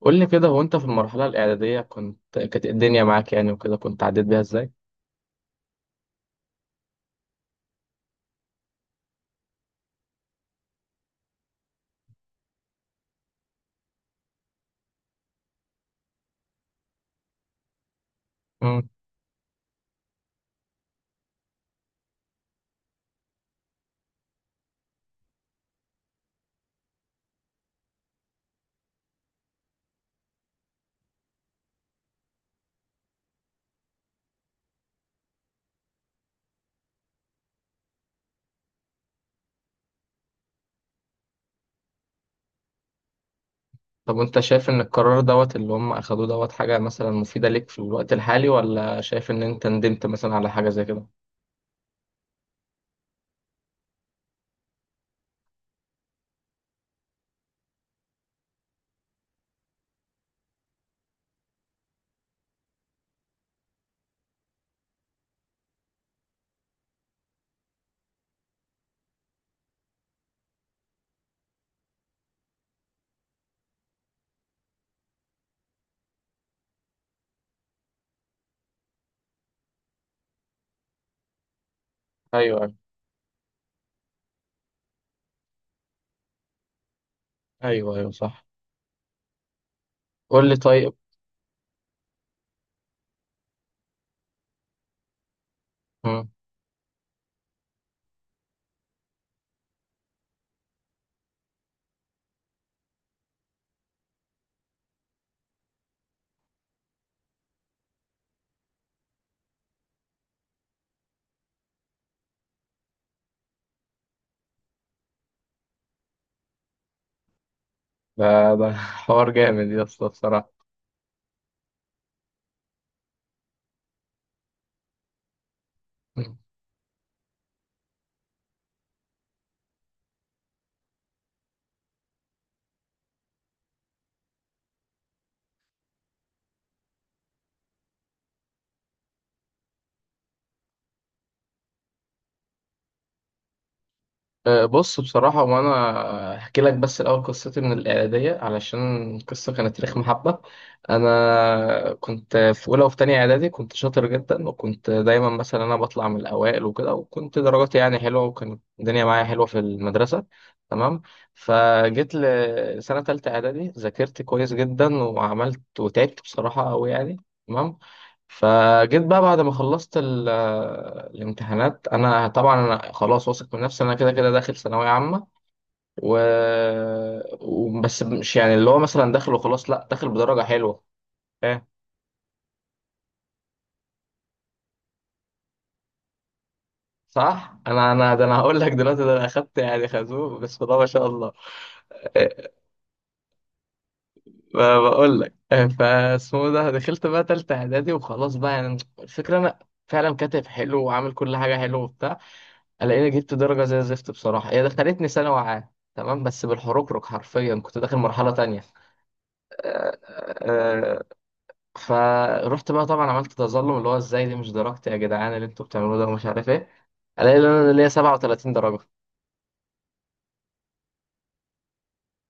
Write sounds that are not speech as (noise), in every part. قول لي كده، هو انت في المرحلة الإعدادية كانت الدنيا معاك يعني وكده، كنت عديت بيها ازاي؟ مم. طب وانت شايف ان القرار دوت اللي هم أخدوه دوت حاجة مثلا مفيدة ليك في الوقت الحالي، ولا شايف ان انت ندمت مثلا على حاجة زي كده؟ ايوه، ايوه، ايوه، صح. قول لي طيب. مم. ده (laughs) حوار جامد يا اسطى بصراحة. بص بصراحة وأنا أحكي لك، بس الأول قصتي من الإعدادية علشان القصة كانت تاريخ محبة. أنا كنت في أولى وفي تانية إعدادي كنت شاطر جدا، وكنت دايما مثلا أنا بطلع من الأوائل وكده، وكنت درجاتي يعني حلوة، وكانت الدنيا معايا حلوة في المدرسة. تمام. فجيت لسنة تالتة إعدادي، ذاكرت كويس جدا وعملت وتعبت بصراحة أوي يعني. تمام. فجيت بقى بعد ما خلصت الامتحانات، انا طبعا انا خلاص واثق من نفسي، انا كده كده داخل ثانويه عامه و... وبس مش يعني اللي هو مثلا داخل وخلاص، لا، داخل بدرجه حلوه. ايه، صح. انا انا ده انا هقول لك دلوقتي، ده انا اخدت يعني خازوق، بسم الله ما شاء الله. إيه. ما بقول لك إيه، فاسمه ده دخلت بقى تالتة اعدادي وخلاص بقى، يعني الفكره انا فعلا كاتب حلو وعامل كل حاجه حلو وبتاع، الاقيني جبت درجه زي الزفت بصراحه، هي دخلتني ثانوي عام. تمام، بس بالحركرك حرفيا كنت داخل مرحله تانية. آه، آه، فروحت بقى طبعا عملت تظلم، اللي هو ازاي دي مش درجتي يا جدعان، اللي انتوا بتعملوه ده، ومش عارف ايه. الاقي ان انا ليا 37 درجه.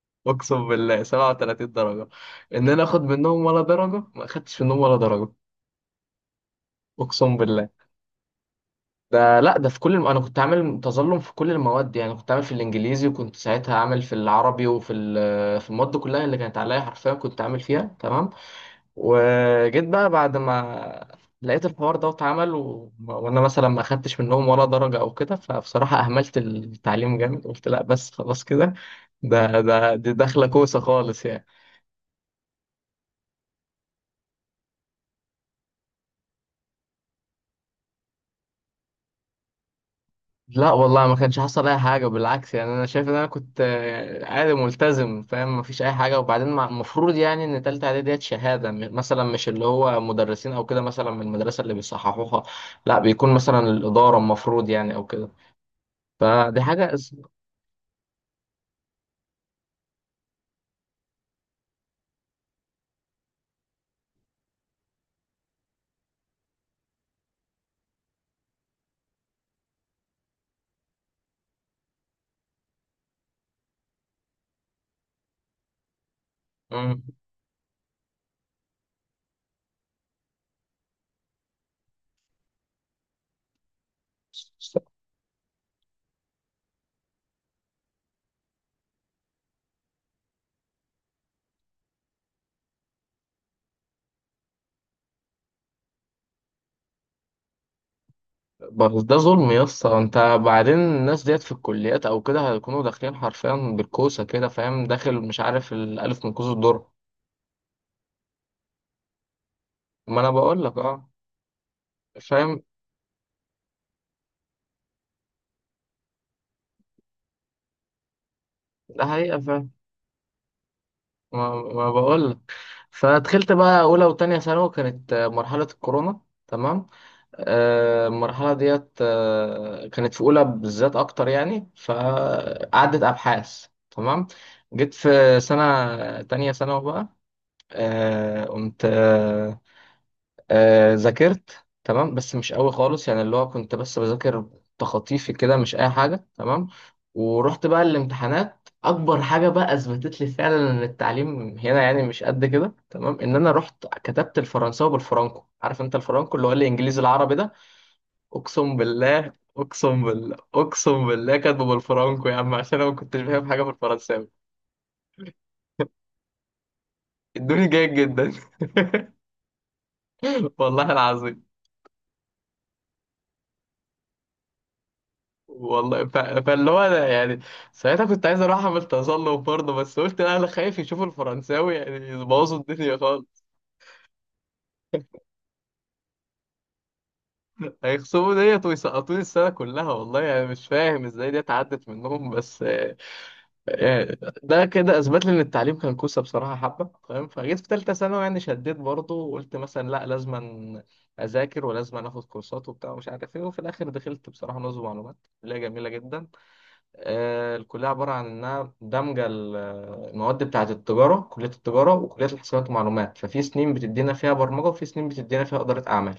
(laughs) اقسم بالله، 37 درجه. ان انا اخد منهم ولا درجه، ما اخدتش منهم ولا درجه. اقسم بالله. ده لا، ده في كل انا كنت عامل تظلم في كل المواد، يعني كنت عامل في الانجليزي، وكنت ساعتها عامل في العربي، وفي في المواد كلها اللي كانت عليا حرفيا كنت عامل فيها. تمام. وجيت بقى بعد ما لقيت الحوار ده اتعمل، وانا مثلا ما اخدتش منهم ولا درجة او كده، فبصراحة اهملت التعليم جامد، قلت لا بس خلاص كده، ده ده دي داخلة كوسة خالص يعني. لا والله، ما كانش حصل اي حاجه، بالعكس، يعني انا شايف ان انا كنت عادي ملتزم، فاهم، ما فيش اي حاجه. وبعدين المفروض يعني ان تالتة اعدادي ديت شهاده مثلا مش اللي هو مدرسين او كده مثلا من المدرسه اللي بيصححوها، لا، بيكون مثلا الاداره المفروض يعني او كده. فدي حاجه مم. بس ده ظلم يا اسطى، انت بعدين الناس ديت في الكليات او كده هيكونوا داخلين حرفيا بالكوسه كده، فاهم، داخل مش عارف الالف من كوز الدر. ما انا بقول لك اه. فاهم. ده حقيقه. ما بقول لك. فدخلت بقى اولى وتانية ثانوي، كانت مرحله الكورونا. تمام. المرحله ديت كانت في اولى بالذات اكتر، يعني فقعدت ابحاث. تمام. جيت في سنه تانية ثانوي بقى، قمت ذاكرت، تمام، بس مش قوي خالص، يعني اللي هو كنت بس بذاكر تخطيفي كده، مش اي حاجه. تمام. ورحت بقى الامتحانات، اكبر حاجه بقى اثبتت لي فعلا ان التعليم هنا يعني مش قد كده. تمام. ان انا رحت كتبت الفرنساوي بالفرنكو، عارف انت الفرنكو اللي هو الانجليزي العربي ده. اقسم بالله، اقسم بالله، اقسم بالله، كاتبه بالفرنكو يا عم، عشان انا ما كنتش فاهم حاجه في الفرنساوي. ادوني جيد جدا. (laughs) والله العظيم. والله فاللي هو أنا يعني ساعتها كنت عايز اروح اعمل تسلق برضه، بس قلت لا، انا خايف يشوفوا الفرنساوي يعني يبوظوا الدنيا خالص. هيخصموا ديت ويسقطوني السنه كلها، والله يعني مش فاهم ازاي دي اتعدت منهم، بس آه، ده كده اثبت لي ان التعليم كان كوسه بصراحه حبه، فاهم. فجيت في ثالثه ثانوي، يعني شديت برضه، وقلت مثلا لا، لازم اذاكر ولازم اخد كورسات وبتاع، ومش عارف ايه، وفي الاخر دخلت بصراحه نظم معلومات، اللي هي جميله جدا. الكلية عبارة عن إنها دمجة المواد بتاعة التجارة، كلية التجارة وكلية الحسابات والمعلومات، ففي سنين بتدينا فيها برمجة، وفي سنين بتدينا فيها إدارة أعمال.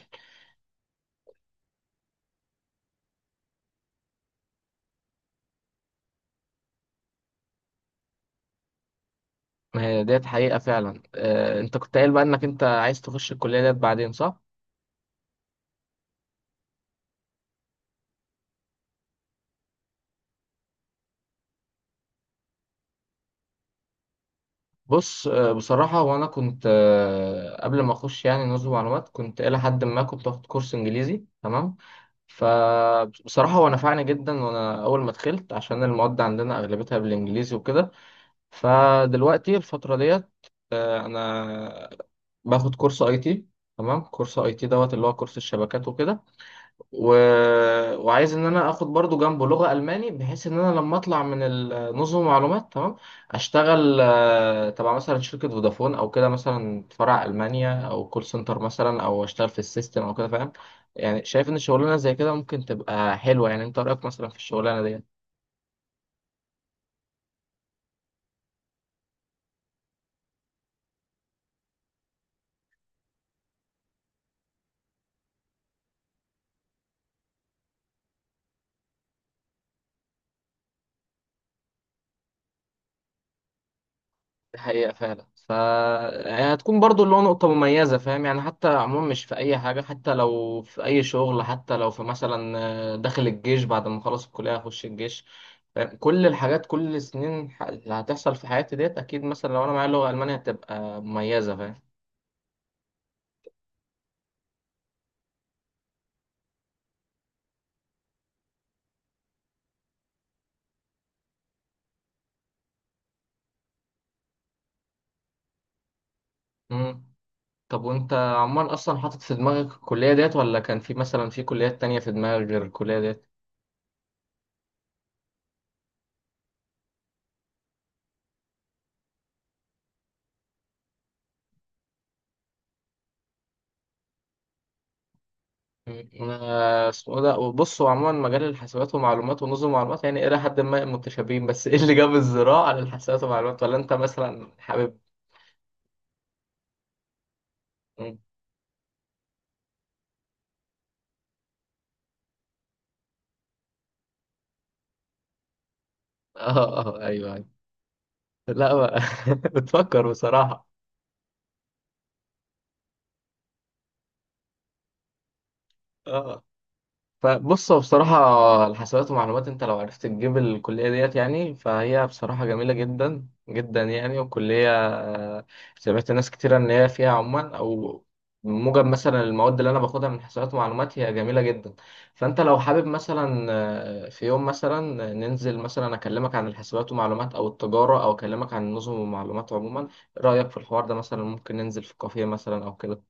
ما هي ديت حقيقة فعلا. أنت كنت قايل بقى إنك أنت عايز تخش الكلية ديت بعدين، صح؟ بص بصراحة وأنا كنت قبل ما أخش يعني نظم معلومات كنت إلى حد ما كنت واخد كورس إنجليزي. تمام. فبصراحة هو نفعني جدا، وأنا أول ما دخلت عشان المواد عندنا أغلبتها بالإنجليزي وكده. فدلوقتي الفترة ديت انا باخد كورس اي تي. تمام، كورس اي تي دوت اللي هو كورس الشبكات وكده، و... وعايز ان انا اخد برضو جنبه لغة الماني، بحيث ان انا لما اطلع من نظم المعلومات تمام اشتغل تبع مثلا شركة فودافون او كده، مثلا فرع المانيا او كول سنتر مثلا، او اشتغل في السيستم او كده، فاهم. يعني شايف ان الشغلانة زي كده ممكن تبقى حلوة، يعني انت رأيك مثلا في الشغلانة دي. دي حقيقة فعلا، فهتكون برضو اللي هو نقطة مميزة، فاهم يعني حتى عموما مش في أي حاجة، حتى لو في أي شغل، حتى لو في مثلا داخل الجيش بعد ما أخلص الكلية أخش الجيش، فاهم؟ كل الحاجات كل السنين اللي هتحصل في حياتي ديت أكيد مثلا لو أنا معايا لغة ألمانية هتبقى مميزة، فاهم. مم. طب وأنت عموما أصلا حاطط في دماغك الكلية ديت، ولا كان في مثلا في كليات تانية في دماغك غير الكلية ديت؟ انا اسمه ده، بص، هو عموما مجال الحاسبات ومعلومات ونظم معلومات يعني الى حد ما متشابهين، بس (laughs) ايه اللي جاب الزراعه على الحاسبات ومعلومات، ولا انت مثلا حابب. اه. اه، ايوه، أيوة. لا بقى. (laughs) بتفكر بصراحه. اه. فبص هو بصراحة الحسابات ومعلومات انت لو عرفت تجيب الكلية ديت يعني، فهي بصراحة جميلة جدا جدا يعني، وكلية سمعت ناس كتيرة ان هي فيها عموما، او موجب مثلا المواد اللي انا باخدها من حسابات ومعلومات هي جميلة جدا. فانت لو حابب مثلا في يوم مثلا ننزل مثلا اكلمك عن الحسابات ومعلومات او التجارة، او اكلمك عن النظم والمعلومات عموما، إيه رأيك في الحوار ده مثلا؟ ممكن ننزل في كافيه مثلا او كده.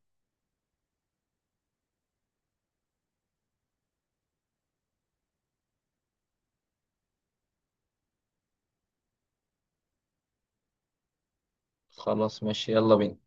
خلاص ماشي، يلا بينا.